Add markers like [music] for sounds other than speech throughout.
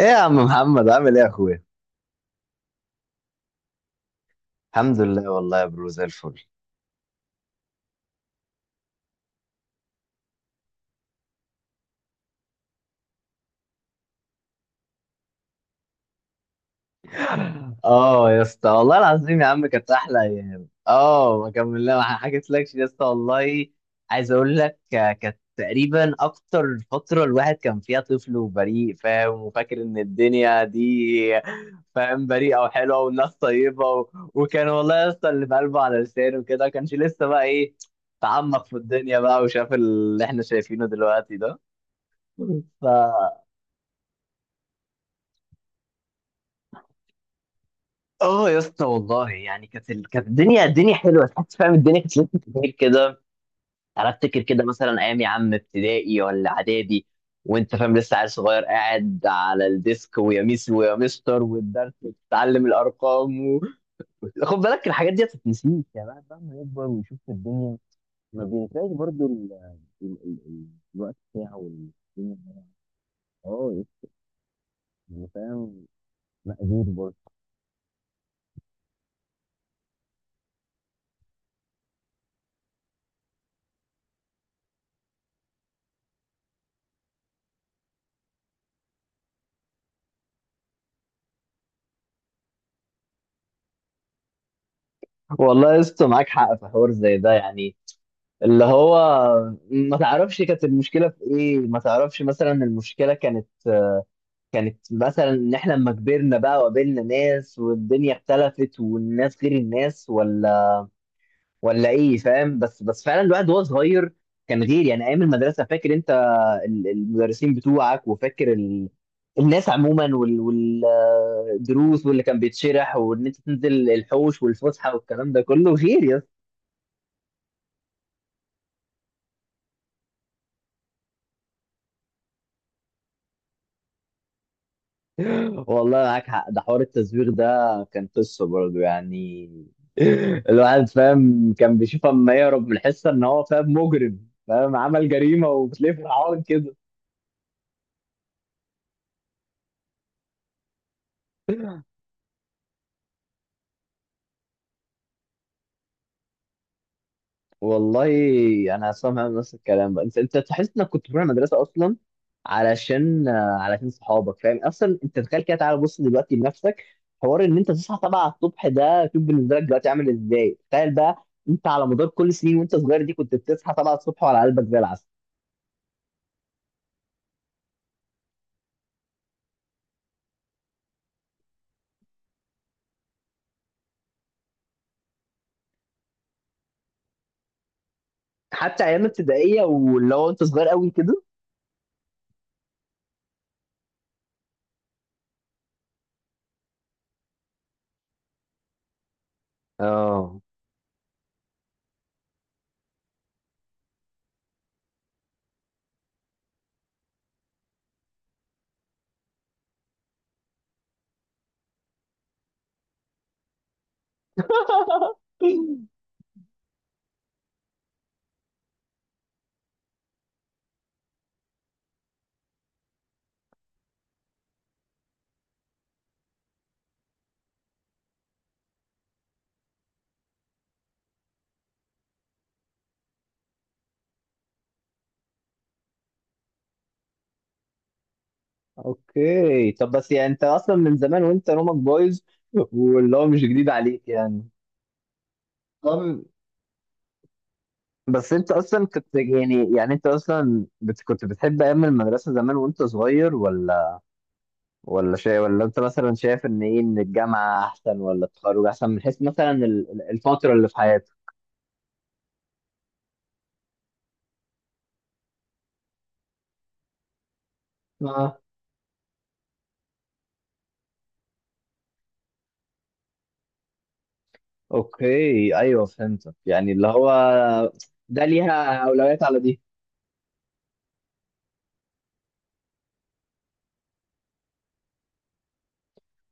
ايه يا عم محمد؟ عامل ايه يا اخويا؟ الحمد لله والله يا برو، زي الفل. [laughs] اه يا اسطى، والله العظيم يا عم كانت احلى ايام. اه ما كملنا، ما حكيتلكش يا اسطى والله. عايز اقول لك، كانت تقريبا اكتر فتره الواحد كان فيها طفل وبريء، فاهم، وفاكر ان الدنيا دي، فاهم، بريئه وحلوه والناس طيبه، وكان والله يا اسطى اللي في قلبه على لسانه وكده، ما كانش لسه بقى ايه، تعمق في الدنيا بقى وشاف اللي احنا شايفينه دلوقتي ده. [laughs] ف اه يا اسطى والله يعني كانت كانت الدنيا حلوه، تحس فاهم الدنيا كانت لسه كتير كده. انا افتكر كده مثلا ايام يا عم ابتدائي ولا اعدادي، وانت فاهم لسه عيل صغير قاعد على الديسك، ويا ميس ويا مستر والدرس، وتتعلم الارقام، خد بالك الحاجات دي ما بتتنسيش. يعني الواحد بقى لما يكبر ويشوف الدنيا ما بينساش برضو ال... ال... ال- الوقت بتاعه والدنيا. اه يا اسطى، يعني فاهم، مأجور برضه. والله يا اسطى معاك حق في حوار زي ده يعني، اللي هو ما تعرفش كانت المشكلة في ايه. ما تعرفش مثلا المشكلة كانت، كانت مثلا ان احنا لما كبرنا بقى وقابلنا ناس والدنيا اختلفت والناس غير الناس، ولا ايه فاهم؟ بس فعلا الواحد وهو صغير كان غير. يعني ايام المدرسة، فاكر انت المدرسين بتوعك، وفاكر الناس عموما والدروس واللي كان بيتشرح، وان انت تنزل الحوش والفسحة والكلام ده كله غير يا. والله معاك حق، ده حوار التزويغ ده كان قصة برضه يعني. الواحد فاهم كان بيشوف اما يهرب من الحصة ان هو فاهم مجرم، فاهم عمل جريمة، وبتلاقيه فرحان كده. والله، انا سامع نفس الكلام بقى، انت تحس انك كنت بتروح المدرسة اصلا علشان صحابك. فاهم اصلا انت تخيل كده، تعالى بص دلوقتي لنفسك، حوار ان انت تصحى 7 الصبح ده، شوف بالنسبة لك دلوقتي عامل ازاي. تخيل بقى انت على مدار كل سنين وانت صغير دي كنت بتصحى 7 الصبح وعلى قلبك زي العسل، حتى ايام ابتدائيه واللي هو انت صغير قوي كده. اه. [laughs] اوكي طب، بس يعني انت اصلا من زمان وانت نومك بايظ، واللي هو مش جديد عليك يعني. طب بس انت اصلا كنت يعني، يعني انت اصلا بت، كنت بتحب ايام المدرسه زمان وانت صغير، ولا شيء؟ ولا انت مثلا شايف ان ايه، ان الجامعه احسن ولا التخرج احسن، من حيث مثلا الفتره اللي في حياتك؟ اه اوكي ايوه فهمتك، يعني اللي هو ده ليها اولويات على دي.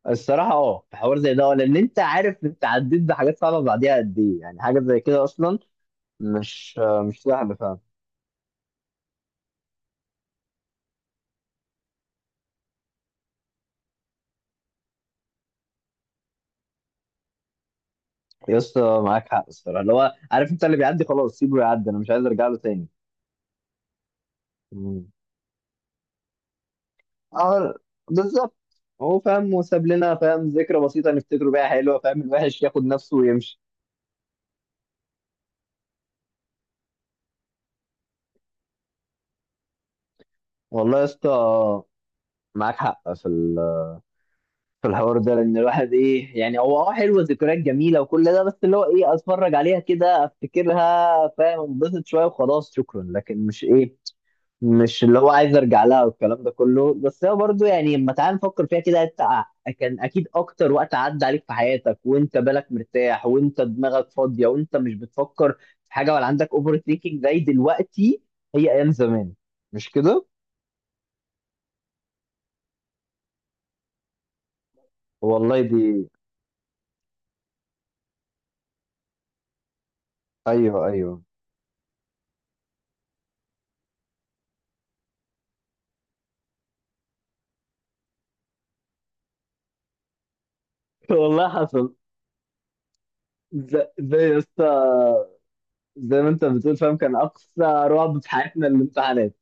الصراحة اه في حوار زي ده، لأن أنت عارف أنت عديت بحاجات صعبة بعديها قد إيه يعني حاجة زي كده أصلا. مش، مش سهلة فعلا. يا اسطى معاك حق الصراحة، اللي هو عارف أنت اللي بيعدي خلاص سيبه يعدي، أنا مش عايز أرجع له تاني. مم. اه، بالظبط. هو فاهم وساب لنا فاهم ذكرى بسيطة نفتكره بيها حلوة، فاهم الوحش ياخد نفسه ويمشي. والله يا اسطى معاك حق في الحوار ده، لان الواحد ايه يعني، هو اه حلوه ذكريات جميله وكل ده، بس اللي هو ايه اتفرج عليها كده افتكرها فاهم، انبسط شويه وخلاص شكرا، لكن مش ايه، مش اللي هو عايز ارجع لها والكلام ده كله. بس هو برضو يعني، لما تعال نفكر فيها كده، انت كان اكيد اكتر وقت عدى عليك في حياتك وانت بالك مرتاح وانت دماغك فاضيه وانت مش بتفكر في حاجه، ولا عندك اوفر ثينكينج زي دلوقتي. هي ايام زمان، مش كده؟ والله دي ايوه ايوه. [laughs] والله حصل، زي يسطا، زي ما انت بتقول فاهم كان اقصى رعب في حياتنا الامتحانات.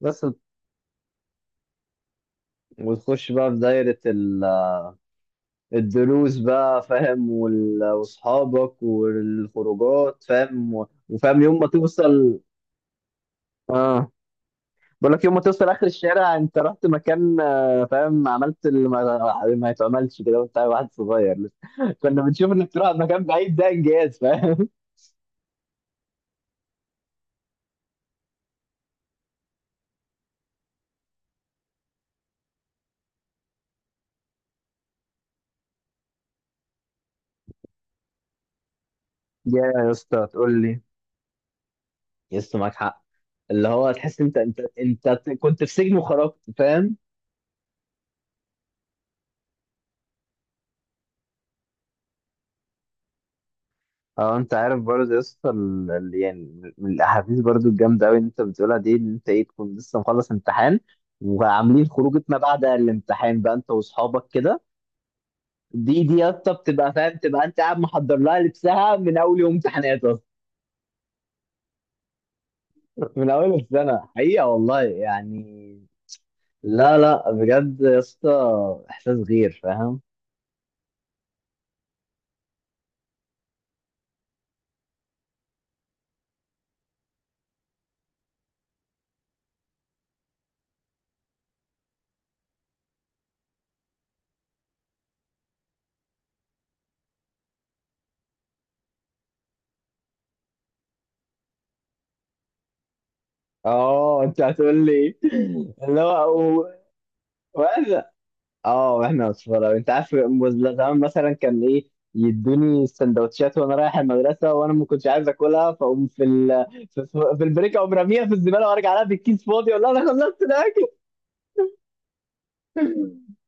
بس وتخش بقى في دايرة الدروس بقى، فاهم، واصحابك والخروجات فاهم، وفاهم يوم ما توصل. اه، بقول لك يوم ما توصل اخر الشارع، انت رحت مكان، فاهم عملت اللي ما يتعملش كده وانت واحد صغير لسه. [laughs] كنا بنشوف انك تروح على مكان بعيد ده انجاز، فاهم. [laughs] يا اسطى تقول لي، يس معاك حق، اللي هو تحس انت كنت في سجن وخرجت، فاهم. اه انت عارف برضه يا اسطى يعني من الاحاديث برضه الجامده قوي اللي انت بتقولها دي، ان انت ايه تكون لسه مخلص امتحان، وعاملين خروجه ما بعد الامتحان بقى انت واصحابك كده. دي يا اسطى بتبقى فاهم، تبقى انت قاعد محضر لها لبسها من اول يوم امتحانات اصلا. [laughs] من اول السنه حقيقه والله يعني. لا لا بجد يا اسطى احساس غير، فاهم. اه انت هتقول لي [laughs] اللي هو واحنا، اه واحنا اصفر، انت عارف زمان مثلا كان ايه يدوني السندوتشات وانا رايح المدرسه وانا ما كنتش عايز اكلها، فاقوم في في البريك اقوم راميها في الزباله وارجع لها بالكيس فاضي اقول لها انا خلصت الاكل. [laughs]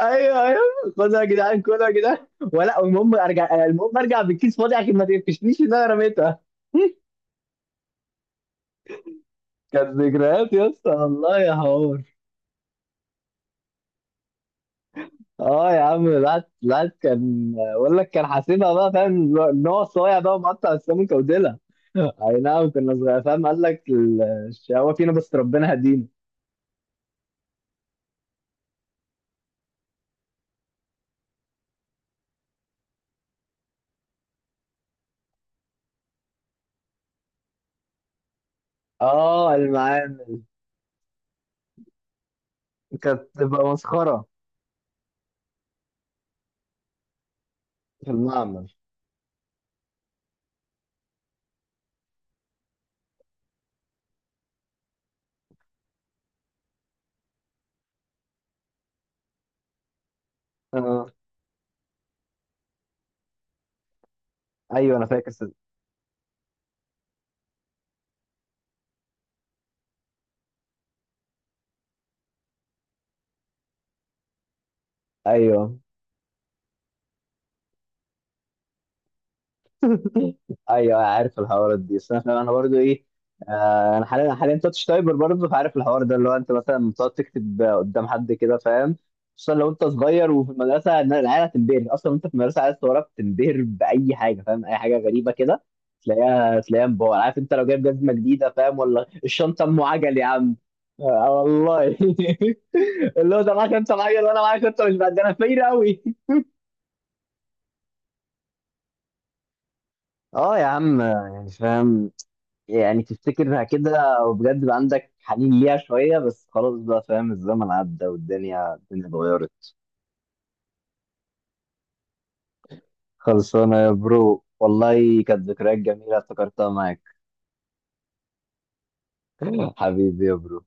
ايوه ايوه خدها يا جدعان كلها يا جدعان، ولا المهم ارجع، المهم ارجع بالكيس فاضي عشان ما تقفشنيش ان انا رميتها. [laughs] كانت ذكريات يا اسطى والله يا هو. اه يا عم، العاد كان بقول لك كان حاسبها بقى فاهم ان هو صايع بقى ومقطع السمكه وديلها. [laughs] اي نعم كنا صغير، فاهم قال لك الشقاوه فينا بس ربنا هدينا. اه المعامل كانت تبقى مسخره. في المعمل، اه. ايوه انا فاكر صدق. ايوه ايوه عارف الحوارات دي. بس انا برضو ايه، انا حاليا تاتش تايبر برضو، فعارف الحوار ده اللي هو انت مثلا بتقعد تكتب قدام حد كده، فاهم. خصوصا لو انت صغير وفي المدرسه إن العيال هتنبهر، اصلا انت في المدرسه عايز وراك تنبهر باي حاجه، فاهم اي حاجه غريبه كده تلاقيها مبهر. عارف انت لو جايب جزمه جديده فاهم، ولا الشنطه ام عجل يا عم. آه والله. [laughs] اللي هو ده معاك انت معايا وانا معاك انت مش بعد ده، انا فاير قوي. اه يا عم يعني فاهم، يعني تفتكرها كده وبجد بقى عندك حنين ليها شوية، بس خلاص بقى فاهم الزمن عدى والدنيا اتغيرت. خلصانة يا برو والله كانت ذكريات جميلة افتكرتها معاك. [laughs] حبيبي يا برو.